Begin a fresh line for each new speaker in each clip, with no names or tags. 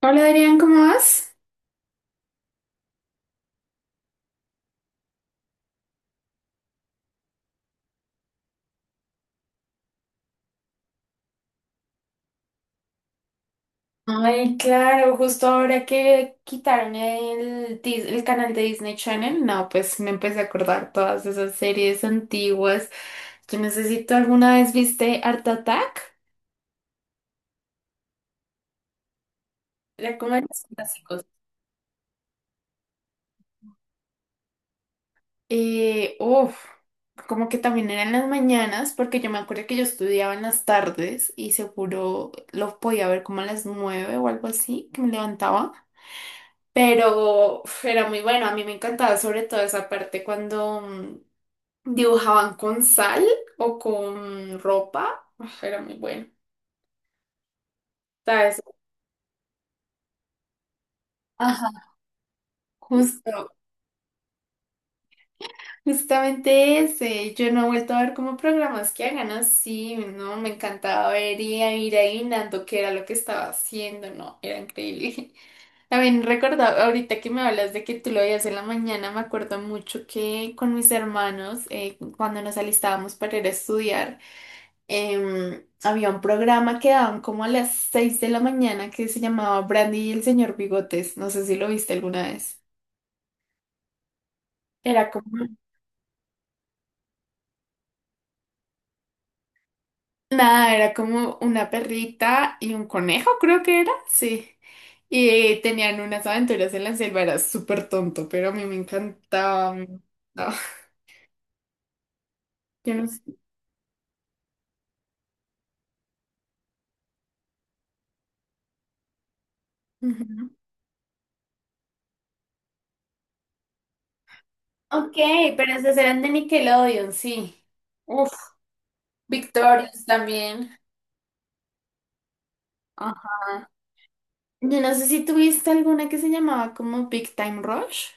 Hola, Adrián, ¿cómo vas? Ay, claro, justo ahora que quitaron el canal de Disney Channel, no, pues me empecé a acordar todas esas series antiguas. Yo necesito, ¿alguna vez viste Art Attack? Era como de los clásicos. Eh, uf, Como que también eran las mañanas, porque yo me acuerdo que yo estudiaba en las tardes y seguro lo podía ver como a las nueve o algo así, que me levantaba. Pero uf, era muy bueno, a mí me encantaba sobre todo esa parte cuando dibujaban con sal o con ropa. Uf, era muy bueno. ¿Sabes? Ajá. Justo Justamente ese, yo no he vuelto a ver como programas que hagan así, no, me encantaba ver y a ir adivinando qué era lo que estaba haciendo, no, era increíble. También recordaba, ahorita que me hablas de que tú lo veías en la mañana, me acuerdo mucho que con mis hermanos, cuando nos alistábamos para ir a estudiar, había un programa que daban como a las 6 de la mañana que se llamaba Brandy y el señor Bigotes, no sé si lo viste alguna vez. Era como. Nada, era como una perrita y un conejo, creo que era, sí. Y tenían unas aventuras en la selva, era súper tonto, pero a mí me encantaba. Me encantaba. Yo no sé. Ujú. Ok, pero esas eran de Nickelodeon, sí. Uf, Victorious también. Ajá. Yo no sé si tuviste alguna que se llamaba como Big Time Rush.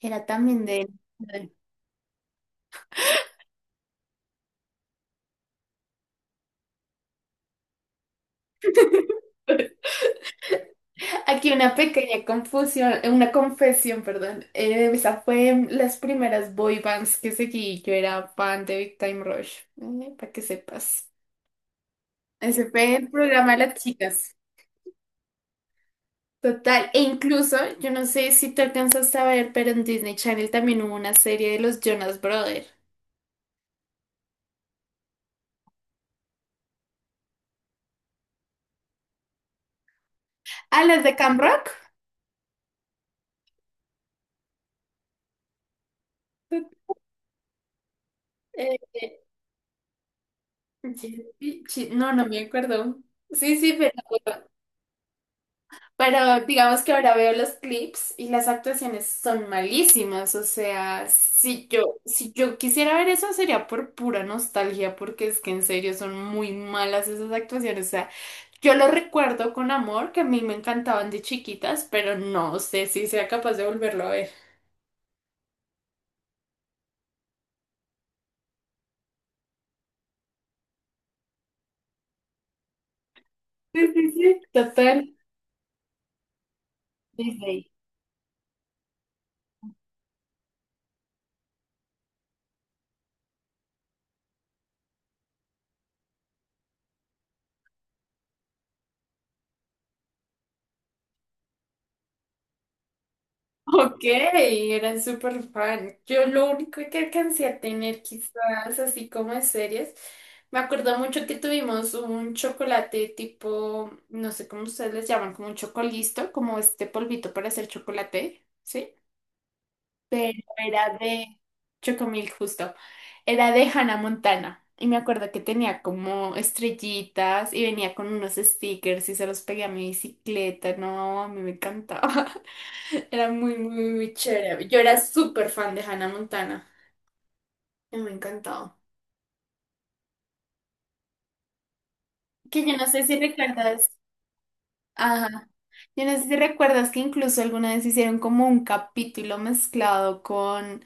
Era también de... Aquí una pequeña confusión, una confesión, perdón. Esa fue las primeras boy bands que seguí. Yo era fan de Big Time Rush, para que sepas. Ese fue el programa de las chicas. Total, e incluso, yo no sé si te alcanzaste a ver, pero en Disney Channel también hubo una serie de los Jonas Brothers. Ah, las de Camp Rock. Eh, eh, Jesse- Chi- no, no me acuerdo. Sí, sí, pero. Pero digamos que ahora veo los clips y las actuaciones son malísimas. O sea, si yo quisiera ver eso sería por pura nostalgia, porque es que en serio son muy malas esas actuaciones. O sea, yo lo recuerdo con amor, que a mí me encantaban de chiquitas, pero no sé si sea capaz de volverlo a ver. Sí, sí, sí. Total. Disney. Ok, era súper fan. Yo lo único que alcancé a tener quizás así como de series, me acuerdo mucho que tuvimos un chocolate tipo, no sé cómo ustedes les llaman, como un chocolisto, como este polvito para hacer chocolate, ¿sí? Pero era de. Chocomilk justo, era de Hannah Montana. Y me acuerdo que tenía como estrellitas y venía con unos stickers y se los pegué a mi bicicleta. No, a mí me encantaba. Era muy, muy, muy chévere. Yo era súper fan de Hannah Montana. Y me encantaba. Que yo no sé si recuerdas. Ajá. Yo no sé si recuerdas que incluso alguna vez hicieron como un capítulo mezclado con.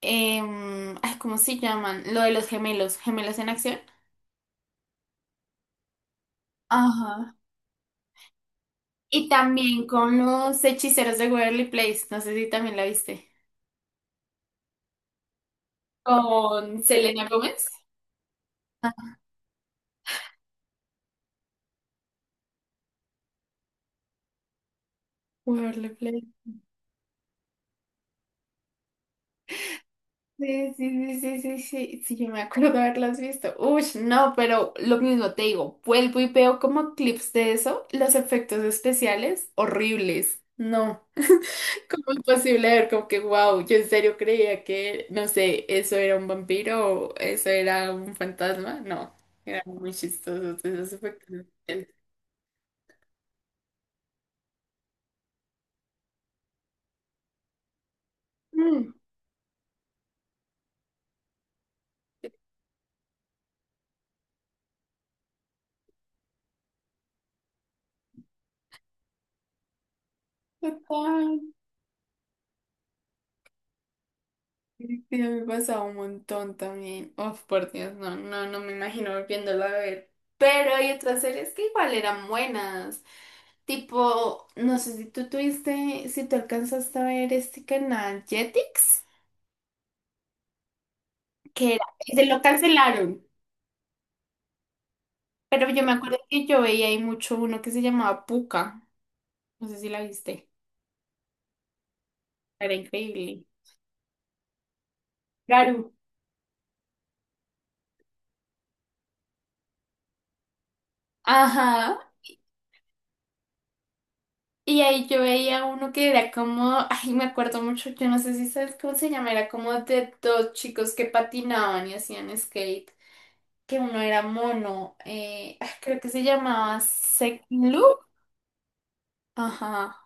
Ay, ¿cómo se llaman? Lo de los gemelos. ¿Gemelos en acción? Ajá. Y también con los hechiceros de Waverly Place. No sé si también la viste. Con Selena Gómez. Waverly Place. Sí, sí, sí, sí, sí, sí, sí, yo me acuerdo haberlas visto. Uy, no, pero lo mismo te digo, vuelvo y veo como clips de eso, los efectos especiales horribles. No, ¿cómo es posible ver como que, wow, yo en serio creía que, no sé, eso era un vampiro o eso era un fantasma? No, eran muy chistosos esos efectos. Mm, total. Sí, me pasa un montón también. Oh, por Dios, no, no, no me imagino volviéndolo a ver. Pero hay otras series que igual eran buenas. Tipo, no sé si tú tuviste, si tú alcanzaste a ver este canal Jetix, que era, se lo cancelaron. Pero yo me acuerdo que yo veía ahí mucho uno que se llamaba Puka. No sé si la viste. Era increíble. Garu. Ajá. Y ahí yo veía uno que era como, ay, me acuerdo mucho, yo no sé si sabes cómo se llama, era como de dos chicos que patinaban y hacían skate, que uno era mono, ay, creo que se llamaba Second Loop. Ajá,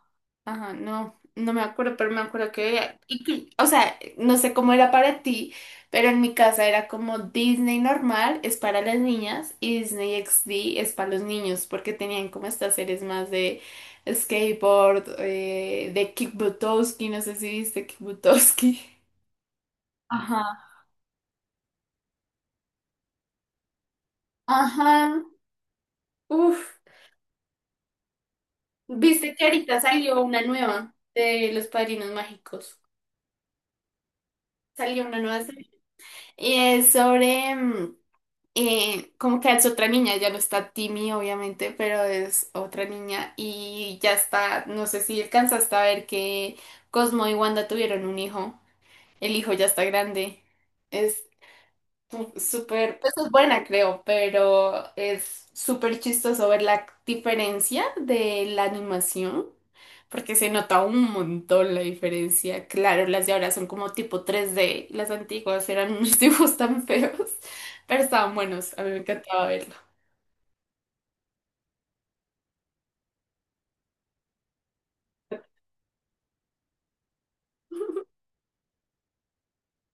ajá, no, no me acuerdo, pero me acuerdo o sea, no sé cómo era para ti, pero en mi casa era como Disney normal es para las niñas y Disney XD es para los niños, porque tenían como estas series más de skateboard, de Kick Buttowski, no sé si viste Kick Buttowski. Ajá, ajá, uff, viste que ahorita salió una nueva de Los Padrinos Mágicos, salió una nueva serie, y es sobre... mm, como que es otra niña, ya no está Timmy, obviamente, pero es otra niña y ya está, no sé si alcanzaste a ver que Cosmo y Wanda tuvieron un hijo, el hijo ya está grande, es. Uf, súper, pues es buena creo, pero es súper chistoso ver la diferencia de la animación, porque se nota un montón la diferencia. Claro, las de ahora son como tipo tres d y las antiguas eran unos dibujos tan feos, pero estaban buenos, a mí me encantaba verlo.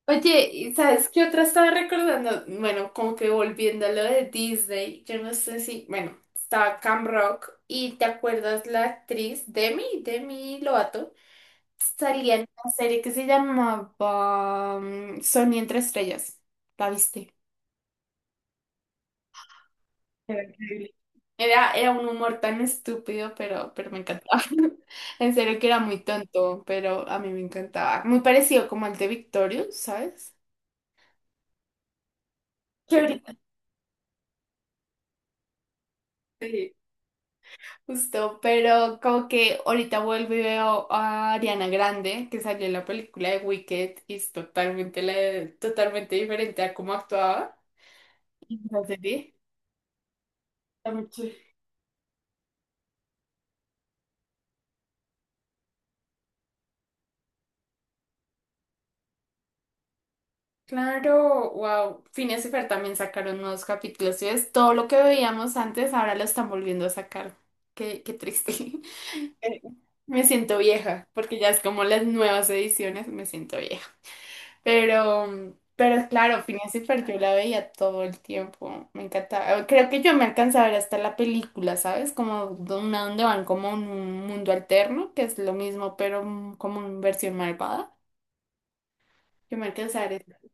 Oye, ¿y sabes qué otra estaba recordando? Bueno, como que volviendo a lo de Disney, yo no sé si, bueno, estaba Cam Rock y ¿te acuerdas la actriz Demi Lovato? Salía en una serie que se llamaba Sony entre estrellas. ¿La viste? Era increíble. Era un humor tan estúpido, pero me encantaba. En serio que era muy tonto, pero a mí me encantaba. Muy parecido como al de Victorious, ¿sabes? Que ahorita sí, justo, pero como que ahorita vuelvo y veo a Ariana Grande, que salió en la película de Wicked, y es totalmente, la- totalmente diferente a cómo actuaba. Entonces, sí. Está muy. Claro, wow. Phineas y Fer también sacaron nuevos capítulos. ¿Sí ves? Todo lo que veíamos antes ahora lo están volviendo a sacar. Qué triste. Eh, me siento vieja, porque ya es como las nuevas ediciones, me siento vieja. Pero claro, Phineas y Fer yo la veía todo el tiempo. Me encantaba. Creo que yo me alcanzaba a ver hasta la película, ¿sabes? Como de una donde van como en un mundo alterno, que es lo mismo, pero como en versión malvada. Yo me alcanzaba a ver eso.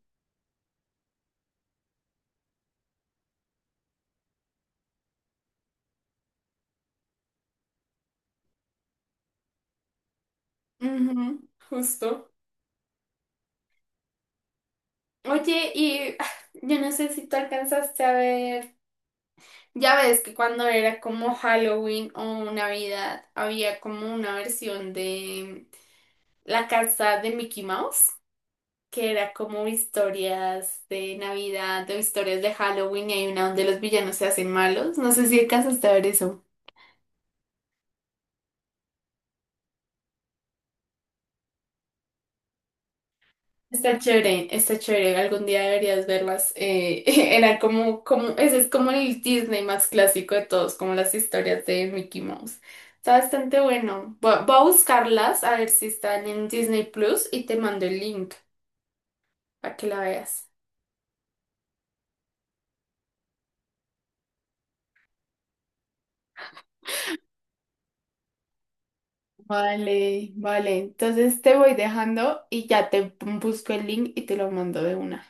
Ujú, justo. Oye, y yo no sé si tú alcanzaste a ver, ya ves que cuando era como Halloween o Navidad, había como una versión de La casa de Mickey Mouse, que era como historias de Navidad de historias de Halloween y hay una donde los villanos se hacen malos. No sé si alcanzaste a ver eso. Está chévere, está chévere. Algún día deberías verlas. Era como, como, ese es como el Disney más clásico de todos, como las historias de Mickey Mouse. Está bastante bueno. Voy a buscarlas a ver si están en Disney Plus y te mando el link para que la veas. Vale, vale. Entonces te voy dejando y ya te busco el link y te lo mando de una.